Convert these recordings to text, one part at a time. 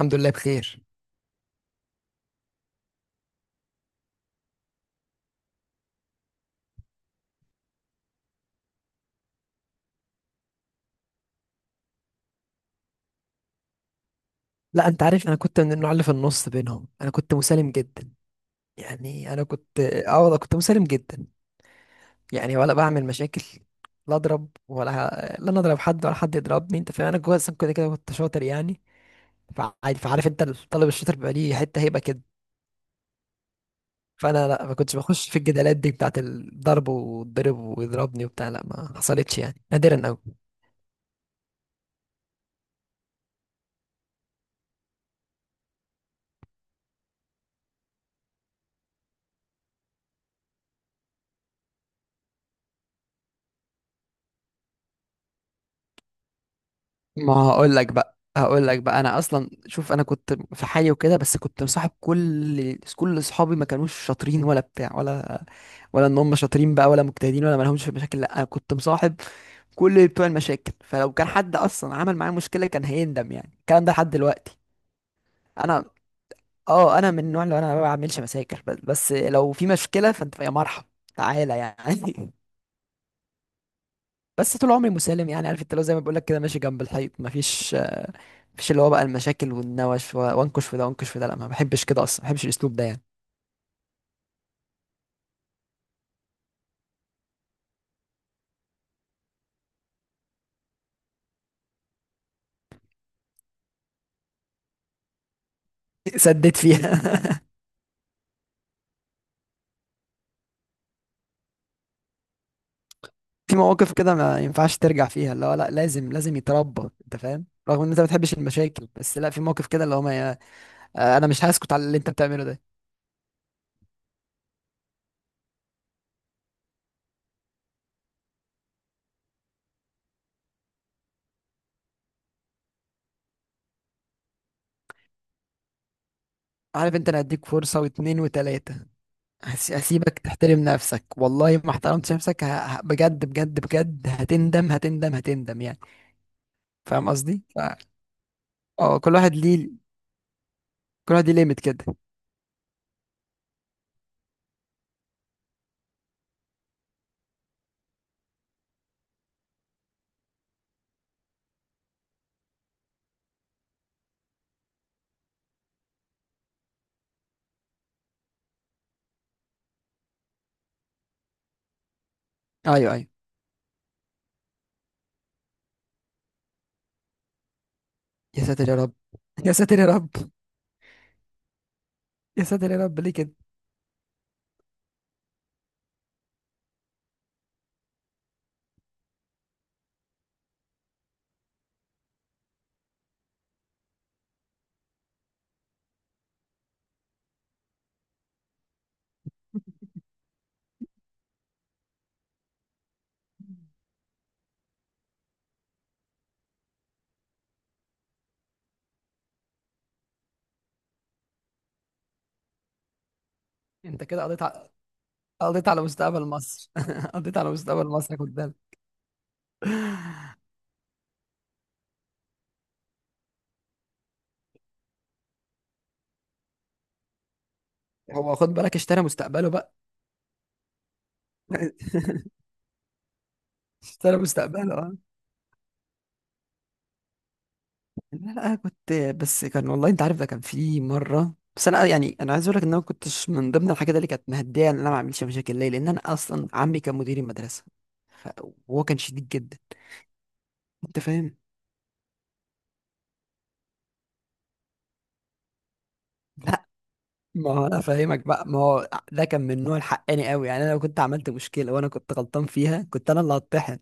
الحمد لله بخير. لا، انت عارف انا كنت من النوع اللي في النص بينهم، انا كنت مسالم جدا. يعني انا كنت والله كنت مسالم جدا. يعني ولا بعمل مشاكل. لا اضرب ولا، لا انا اضرب حد ولا حد يضربني. انت فاهم؟ انا جوه اصلا كده كده كنت شاطر يعني. فعادي، فعارف انت الطالب الشاطر بيبقى ليه حته هيبه كده. فانا لا، ما كنتش بخش في الجدالات دي بتاعت الضرب واتضرب ويضربني وبتاع. لا ما حصلتش يعني، نادرا قوي. ما هقول لك بقى، هقول لك بقى، انا اصلا شوف، انا كنت في حالي وكده، بس كنت مصاحب كل اصحابي. ما كانوش شاطرين ولا بتاع، ولا، ولا ان هم شاطرين بقى ولا مجتهدين ولا ما لهمش في المشاكل. لا، انا كنت مصاحب كل بتوع المشاكل، فلو كان حد اصلا عمل معايا مشكله كان هيندم يعني. الكلام ده لحد دلوقتي. انا، اه انا من النوع اللي انا ما بعملش مشاكل، بس، بس لو في مشكله فانت يا مرحب تعالى يعني. بس طول عمري مسالم يعني، عارف انت، لو زي ما بقول لك كده ماشي جنب الحيط، مفيش اللي هو بقى المشاكل والنوش وانكش في ده وانكش في ده. لا، ما بحبش كده، اصلا ما بحبش الاسلوب ده يعني. سديت فيها. في مواقف كده ما ينفعش ترجع فيها، اللي هو لا، لازم لازم يتربى. انت فاهم رغم ان انت ما بتحبش المشاكل، بس لا، في مواقف كده اللي هو ما ي- آه، انا مش هسكت على اللي انت بتعمله ده. عارف انت، انا هديك فرصة واتنين وتلاتة. هسيبك تحترم نفسك، والله ما احترمتش نفسك بجد بجد بجد، هتندم هتندم هتندم يعني. فاهم قصدي؟ اه، كل واحد ليه، كل واحد ليه ليميت كده. ايوه ايوه. يا ساتر يا رب. يا ساتر يا رب. يا ساتر يا رب، ليه كده؟ انت كده قضيت على مستقبل مصر. قضيت على مستقبل مصر، خد بالك. هو خد بالك، اشترى مستقبله بقى. اشترى مستقبله. اه. لا لا، أنا كنت، بس كان والله انت عارف ده كان في مره، بس انا يعني انا عايز اقول لك ان انا ما كنتش من ضمن الحاجات اللي كانت مهديه ان انا ما اعملش مشاكل، ليه؟ لان انا اصلا عمي كان مدير المدرسه. ف- وهو كان شديد جدا. انت فاهم؟ لا، ما هو انا فاهمك بقى، ما هو ده كان من نوع الحقاني قوي يعني. انا لو كنت عملت مشكله وانا كنت غلطان فيها كنت انا اللي هطحن.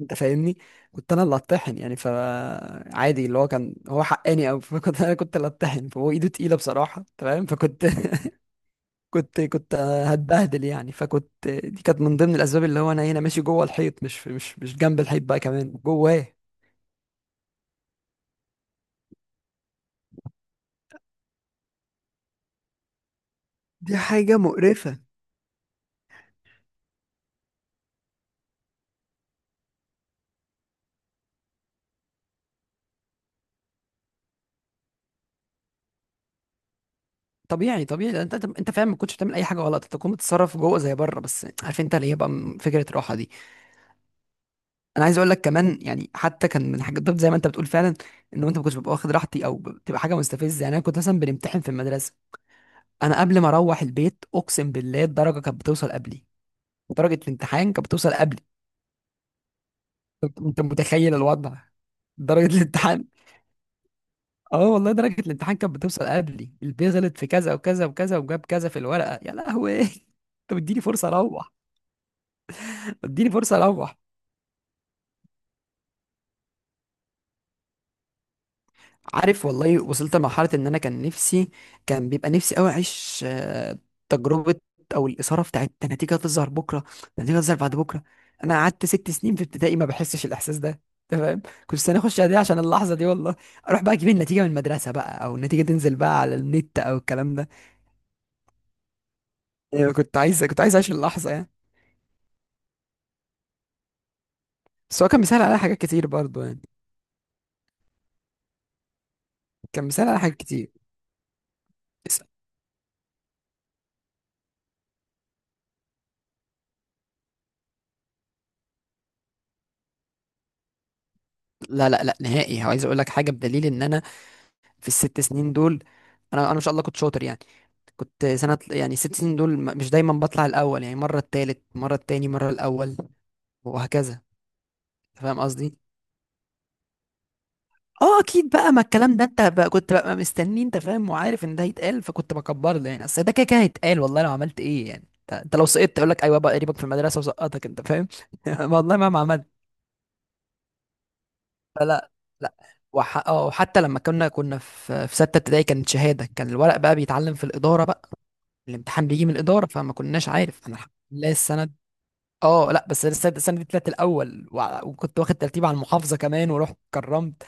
انت فاهمني؟ كنت انا اللي اتطحن يعني. فعادي، اللي هو كان هو حقاني قوي. فكنت، انا كنت اللي اتطحن، فهو ايده تقيله بصراحه، تمام. فكنت كنت هتبهدل يعني. فكنت دي كانت من ضمن الاسباب اللي هو انا هنا ماشي جوه الحيط، مش جنب الحيط بقى، كمان جواه. دي حاجة مقرفة. طبيعي طبيعي، لأن انت، انت فعلا ما كنتش بتعمل اي حاجه غلط. انت كنت بتتصرف جوه زي بره، بس عارف انت اللي هي بقى فكره راحه دي. انا عايز اقول لك كمان يعني، حتى كان من حاجات بالظبط زي ما انت بتقول فعلا، ان انت ما كنتش ببقى واخد راحتي، او بتبقى حاجه مستفزه يعني. انا كنت مثلا بنمتحن في المدرسه، انا قبل ما اروح البيت اقسم بالله الدرجه كانت بتوصل قبلي. درجه الامتحان كانت بتوصل قبلي. انت متخيل الوضع؟ درجه الامتحان، اه والله درجه الامتحان كانت بتوصل قبلي. البي غلط في كذا وكذا وكذا، وجاب كذا في الورقه. يا لهوي! انت بتديني فرصه اروح؟ اديني فرصه اروح. عارف، والله وصلت لمرحلة إن أنا كان نفسي، كان بيبقى نفسي أوي أعيش تجربة أو الإثارة بتاعت ده النتيجة هتظهر بكرة، ده النتيجة هتظهر بعد بكرة. أنا قعدت 6 سنين في ابتدائي ما بحسش الإحساس ده. تمام، كنت سنة أخش إعدادي عشان اللحظة دي والله، أروح بقى أجيب النتيجة من المدرسة بقى، أو النتيجة تنزل بقى على النت، أو الكلام ده. يعني كنت عايز، كنت عايز أعيش اللحظة يعني. بس هو كان مثال على حاجات كتير برضه يعني، كان مثال على حاجات كتير. بس- لا لا لا نهائي. عايز أقول لك حاجة، بدليل إن أنا في الست سنين دول، أنا، أنا إن شاء الله كنت شاطر يعني. كنت سنة يعني 6 سنين دول مش دايما بطلع الأول يعني، مرة التالت، مرة التاني، مرة الأول، وهكذا. أنت فاهم قصدي؟ اه، اكيد بقى. ما الكلام ده انت بقى كنت بقى مستني، انت فاهم، وعارف ان ده هيتقال فكنت بكبر له يعني. اصل ده كده كده هيتقال. والله لو عملت ايه يعني، انت، أنت لو سقطت اقول لك ايوه بقى قريبك في المدرسه وسقطك. انت فاهم؟ والله مهما عملت. فلا، لا. اه، وحتى لما كنا في سته ابتدائي كانت شهاده، كان الورق بقى بيتعلم في الاداره بقى، الامتحان بيجي من الاداره، فما كناش عارف. انا الحمد لله السنه، اه لا، بس انا السنه، السنة دي طلعت الاول، وكنت واخد ترتيب على المحافظه كمان، ورحت كرمت.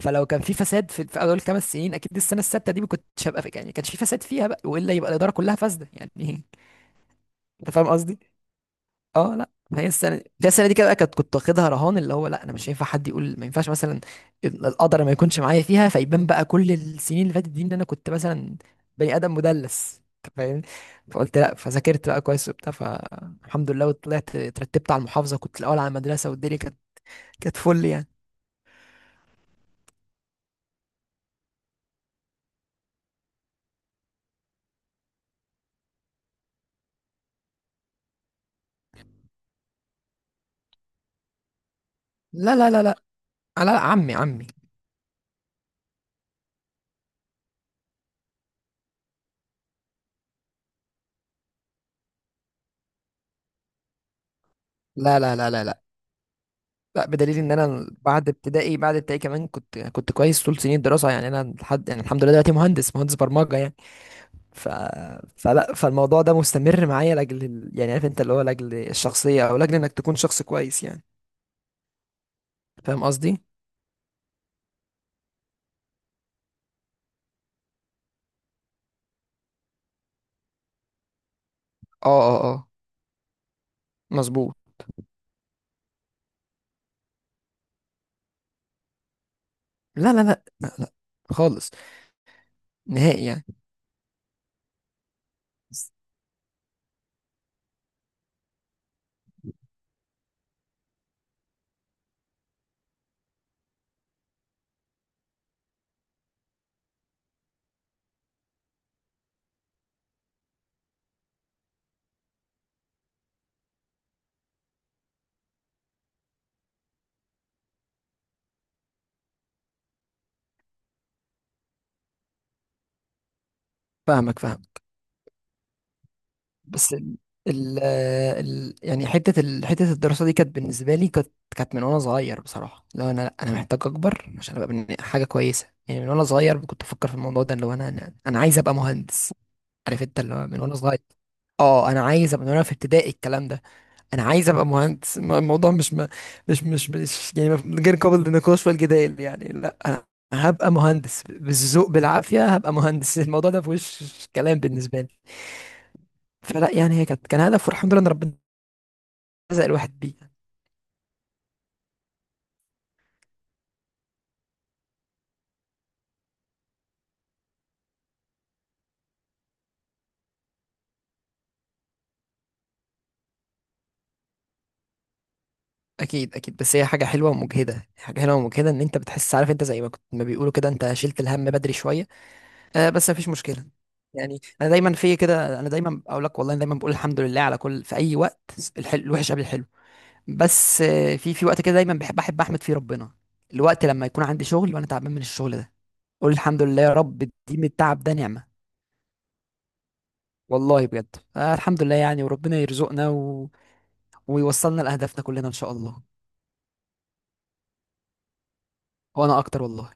فلو كان في فساد في، في اول 5 سنين، اكيد السنه السادسه دي ما كنتش هبقى في، يعني ما كانش في فساد فيها بقى، والا يبقى الاداره كلها فاسده يعني. انت فاهم قصدي؟ اه لا، هي السنه دي، هي السنه دي كده كنت، كنت واخدها رهان، اللي هو لا انا مش هينفع حد يقول ما ينفعش، مثلا القدر ما يكونش معايا فيها، فيبان بقى كل السنين اللي فاتت دي ان انا كنت مثلا بني ادم مدلس. أنت فاهمني؟ فقلت لا، فذاكرت بقى كويس وبتاع، فالحمد لله، وطلعت اترتبت على المحافظه، كنت الاول على المدرسه، والدنيا كانت، كانت فل يعني. لا لا لا لا لا، لا، عمي، عمي. لا لا لا لا لا، لا، بدليل ان انا بعد ابتدائي، بعد ابتدائي كمان كنت كويس طول سنين الدراسه يعني. انا لحد يعني الحمد لله دلوقتي مهندس، مهندس برمجه يعني. ف... فلا، فالموضوع ده مستمر معايا لاجل يعني عارف انت اللي هو لاجل الشخصيه، او لاجل انك تكون شخص كويس يعني. فاهم قصدي؟ اه اه اه، مظبوط. لا لا لا لا لا، خالص، نهائي يعني. فاهمك، فاهم. بس ال... يعني حته حته الدراسه دي كانت بالنسبه لي كانت، كانت من وانا صغير بصراحه. لو انا، لا انا محتاج اكبر عشان ابقى حاجه كويسه يعني. من وانا صغير كنت افكر في الموضوع ده، اللي هو انا، انا، أنا عايز ابقى مهندس. عارف انت اللي هو من وانا صغير، اه انا عايز ابقى، من وانا في ابتدائي الكلام ده، انا عايز ابقى مهندس. الموضوع مش يعني غير قابل للنقاش والجدال يعني. لا، انا هبقى مهندس، بالذوق بالعافيه هبقى مهندس. الموضوع ده في وش كلام بالنسبه لي. فلا يعني، هي كانت، كان هدف، والحمد لله ان ربنا رزق الواحد بيه. اكيد اكيد، بس هي حاجه حلوه ومجهده، حاجه حلوه ومجهده، ان انت بتحس، عارف انت، زي ما كنت، ما بيقولوا كده، انت شلت الهم بدري شويه. آه، بس مفيش مشكله يعني. انا دايما في كده، انا دايما اقول لك والله، أنا دايما بقول الحمد لله على كل، في اي وقت، الحلو، الوحش قبل الحلو. بس في وقت كده دايما بحب، احب احمد فيه ربنا الوقت لما يكون عندي شغل وانا تعبان من الشغل ده، اقول الحمد لله يا رب، دي من التعب ده نعمة. والله بجد. آه، الحمد لله يعني. وربنا يرزقنا ويوصلنا لأهدافنا كلنا إن شاء الله. وأنا أكتر والله.